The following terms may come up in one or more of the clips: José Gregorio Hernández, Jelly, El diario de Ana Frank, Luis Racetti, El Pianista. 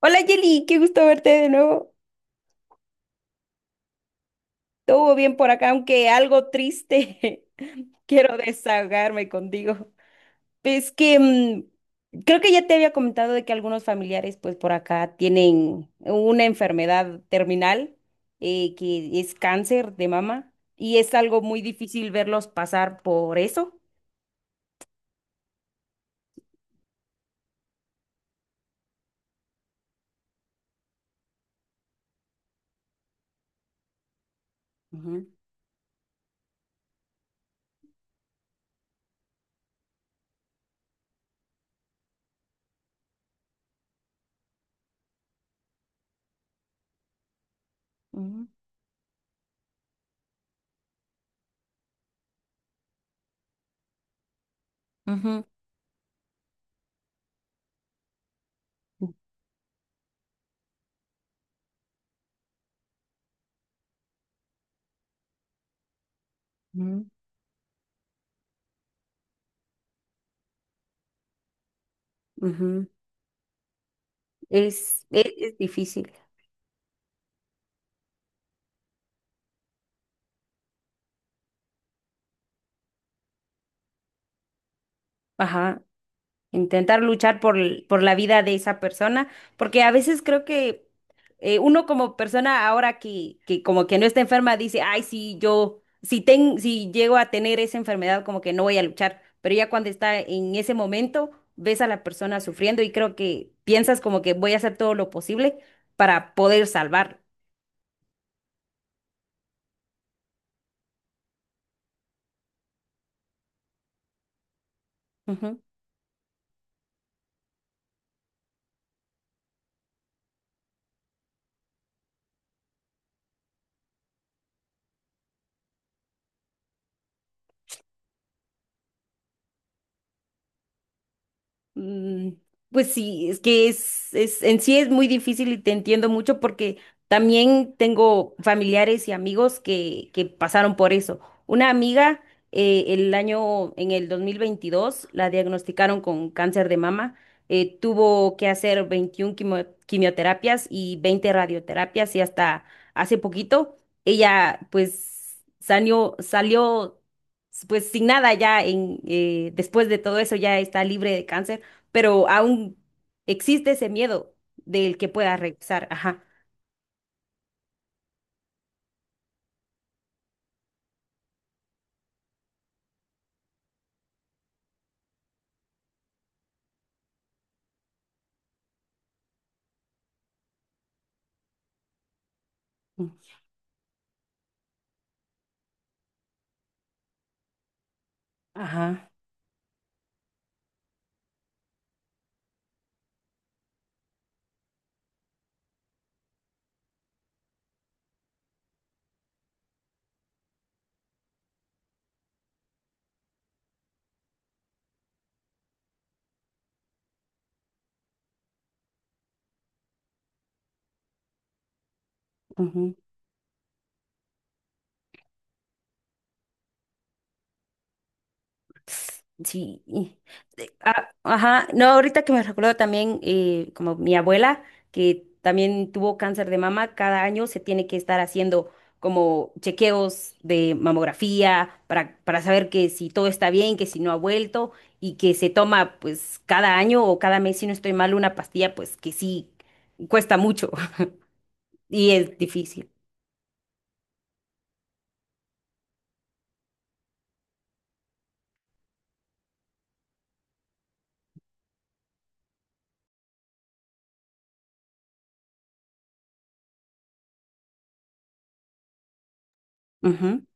Hola Jelly, qué gusto verte de nuevo. Todo bien por acá, aunque algo triste. Quiero desahogarme contigo. Creo que ya te había comentado de que algunos familiares, pues por acá, tienen una enfermedad terminal, que es cáncer de mama y es algo muy difícil verlos pasar por eso. Ujú, ujú, ujú, ujú, ujú. Es difícil. Ajá. Intentar luchar por, por la vida de esa persona, porque a veces creo que uno como persona ahora que como que no está enferma dice, ay, sí, yo, si, ten, si llego a tener esa enfermedad, como que no voy a luchar, pero ya cuando está en ese momento, ves a la persona sufriendo y creo que piensas como que voy a hacer todo lo posible para poder salvarlo. Mm, Pues sí, es que es, en sí es muy difícil y te entiendo mucho porque también tengo familiares y amigos que pasaron por eso. Una amiga en el 2022 la diagnosticaron con cáncer de mama. Tuvo que hacer 21 quimioterapias y 20 radioterapias y hasta hace poquito ella pues salió, salió pues sin nada ya en, después de todo eso ya está libre de cáncer, pero aún existe ese miedo del que pueda regresar. Ajá. Mm. Ajá. Ujú. Sí. Ajá. No, ahorita que me recuerdo también, como mi abuela, que también tuvo cáncer de mama, cada año se tiene que estar haciendo como chequeos de mamografía para saber que si todo está bien, que si no ha vuelto, y que se toma pues cada año o cada mes, si no estoy mal, una pastilla, pues que sí cuesta mucho y es difícil. Ujú,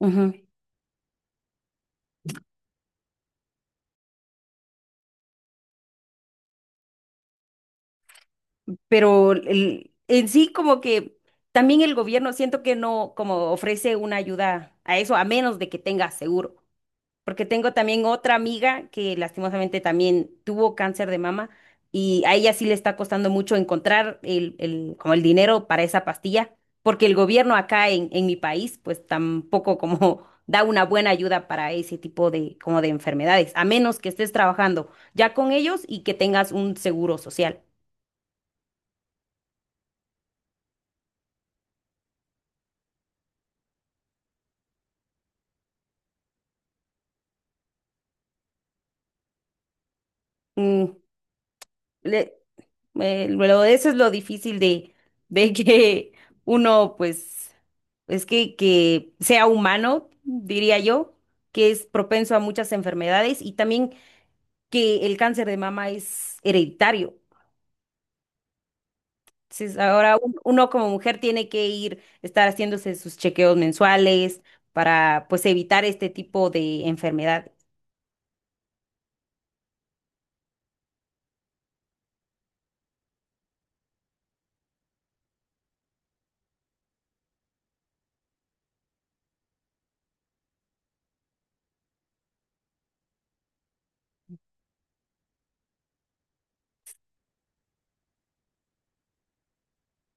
ujú. En sí como que también el gobierno siento que no como ofrece una ayuda a eso, a menos de que tenga seguro. Porque tengo también otra amiga que lastimosamente también tuvo cáncer de mama y a ella sí le está costando mucho encontrar como el dinero para esa pastilla, porque el gobierno acá en mi país pues tampoco como da una buena ayuda para ese tipo de como de enfermedades, a menos que estés trabajando ya con ellos y que tengas un seguro social. Mm, le- Eso es lo difícil de que uno, pues, es que sea humano, diría yo, que es propenso a muchas enfermedades y también que el cáncer de mama es hereditario. Entonces, ahora uno como mujer tiene que ir, estar haciéndose sus chequeos mensuales para, pues, evitar este tipo de enfermedades.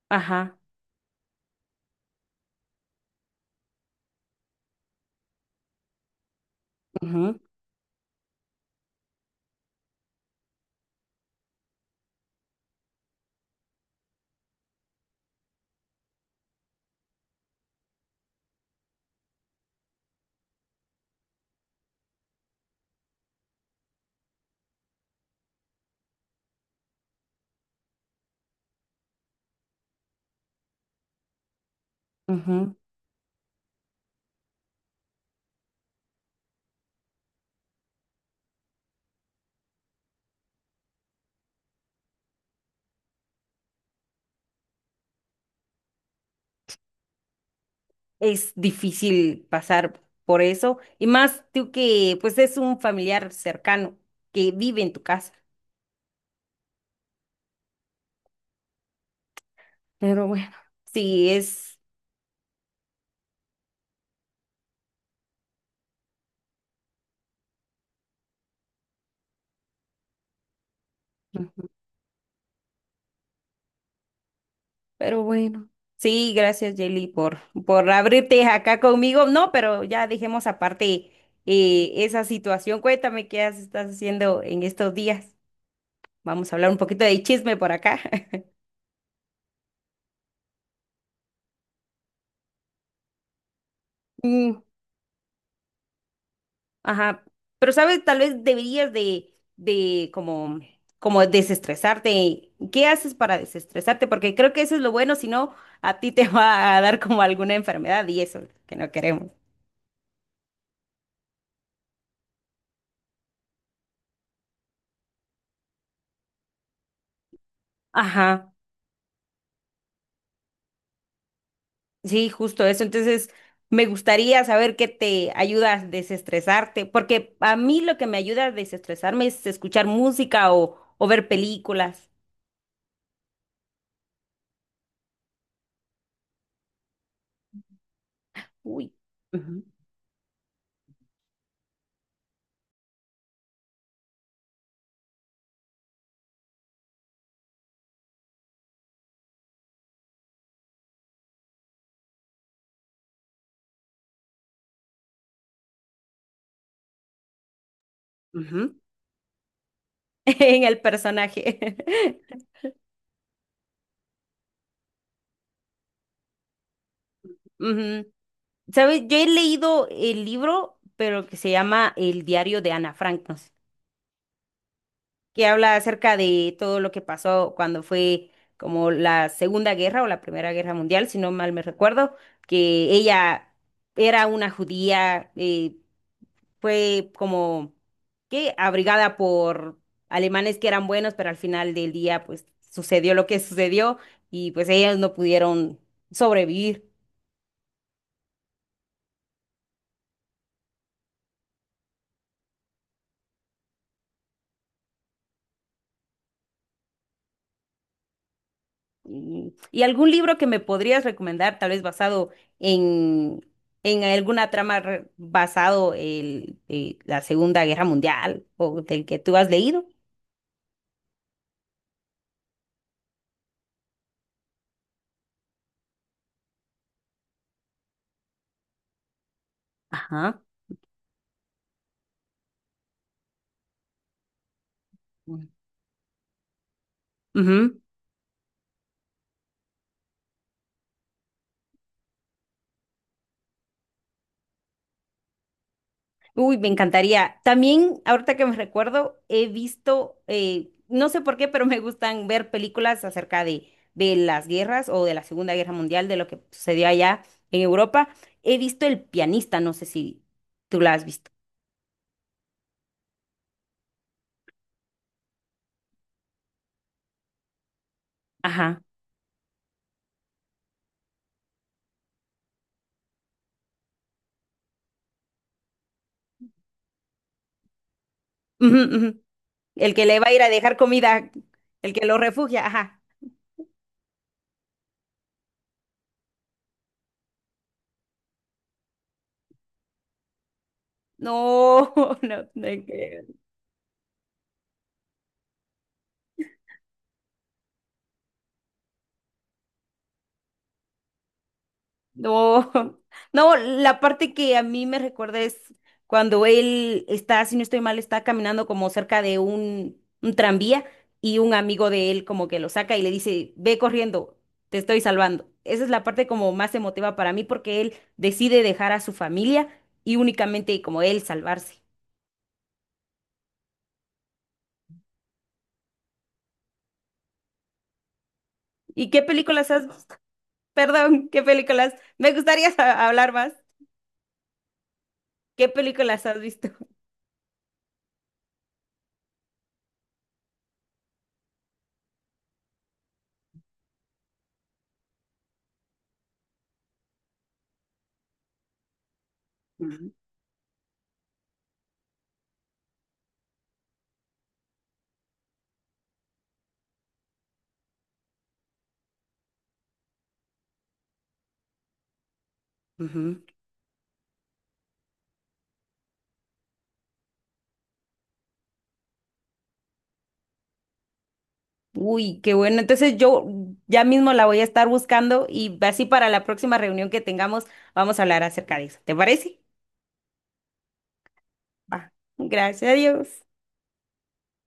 Ajá. Ujú, ujú. Es difícil pasar por eso, y más tú que pues es un familiar cercano que vive en tu casa. Pero bueno. Sí, es. Ujú. Pero bueno. Sí, gracias Jelly por abrirte acá conmigo. No, pero ya dejemos aparte esa situación. Cuéntame estás haciendo en estos días. Vamos a hablar un poquito de chisme por acá. Ajá, pero sabes, tal vez deberías de como, como desestresarte. ¿Qué haces para desestresarte? Porque creo que eso es lo bueno, si no, a ti te va a dar como alguna enfermedad y eso que no queremos. Ajá, sí, justo eso. Entonces, me gustaría saber qué te ayuda a desestresarte, porque a mí lo que me ayuda a desestresarme es escuchar música o ver películas. Uy. Ujú, ujú. En el personaje. Ujú. ¿Sabes? Yo he leído el libro, pero que se llama El diario de Ana Frank, no sé, que habla acerca de todo lo que pasó cuando fue como la Segunda Guerra o la Primera Guerra Mundial, si no mal me recuerdo, que ella era una judía, fue como que abrigada por alemanes que eran buenos, pero al final del día pues sucedió lo que sucedió y pues ellos no pudieron sobrevivir. Mm. ¿Y algún libro que me podrías recomendar, tal vez basado en, en alguna trama basado en, la Segunda Guerra Mundial o del que tú has leído? Ajá. Mm. Ujú. Uy, me encantaría. También, ahorita que me recuerdo, he visto, no sé por qué, pero me gustan ver películas acerca de las guerras o de la Segunda Guerra Mundial, de lo que sucedió allá en Europa. He visto El Pianista, no sé si tú la has visto. Ajá. Ujú, ujú. El que le va a ir a dejar comida, el que lo refugia, ajá. No, no, no, no, no, la parte que a mí me recuerda es cuando él está, si no estoy mal, está caminando como cerca de un tranvía y un amigo de él como que lo saca y le dice, ve corriendo, te estoy salvando. Esa es la parte como más emotiva para mí porque él decide dejar a su familia y únicamente como él salvarse. ¿Y qué películas has, perdón, qué películas? Me gustaría hablar más. ¿Qué películas has visto? Ujú. Uy, qué bueno. Entonces yo ya mismo la voy a estar buscando y así para la próxima reunión que tengamos vamos a hablar acerca de eso. ¿Te parece? Va. Gracias a Dios.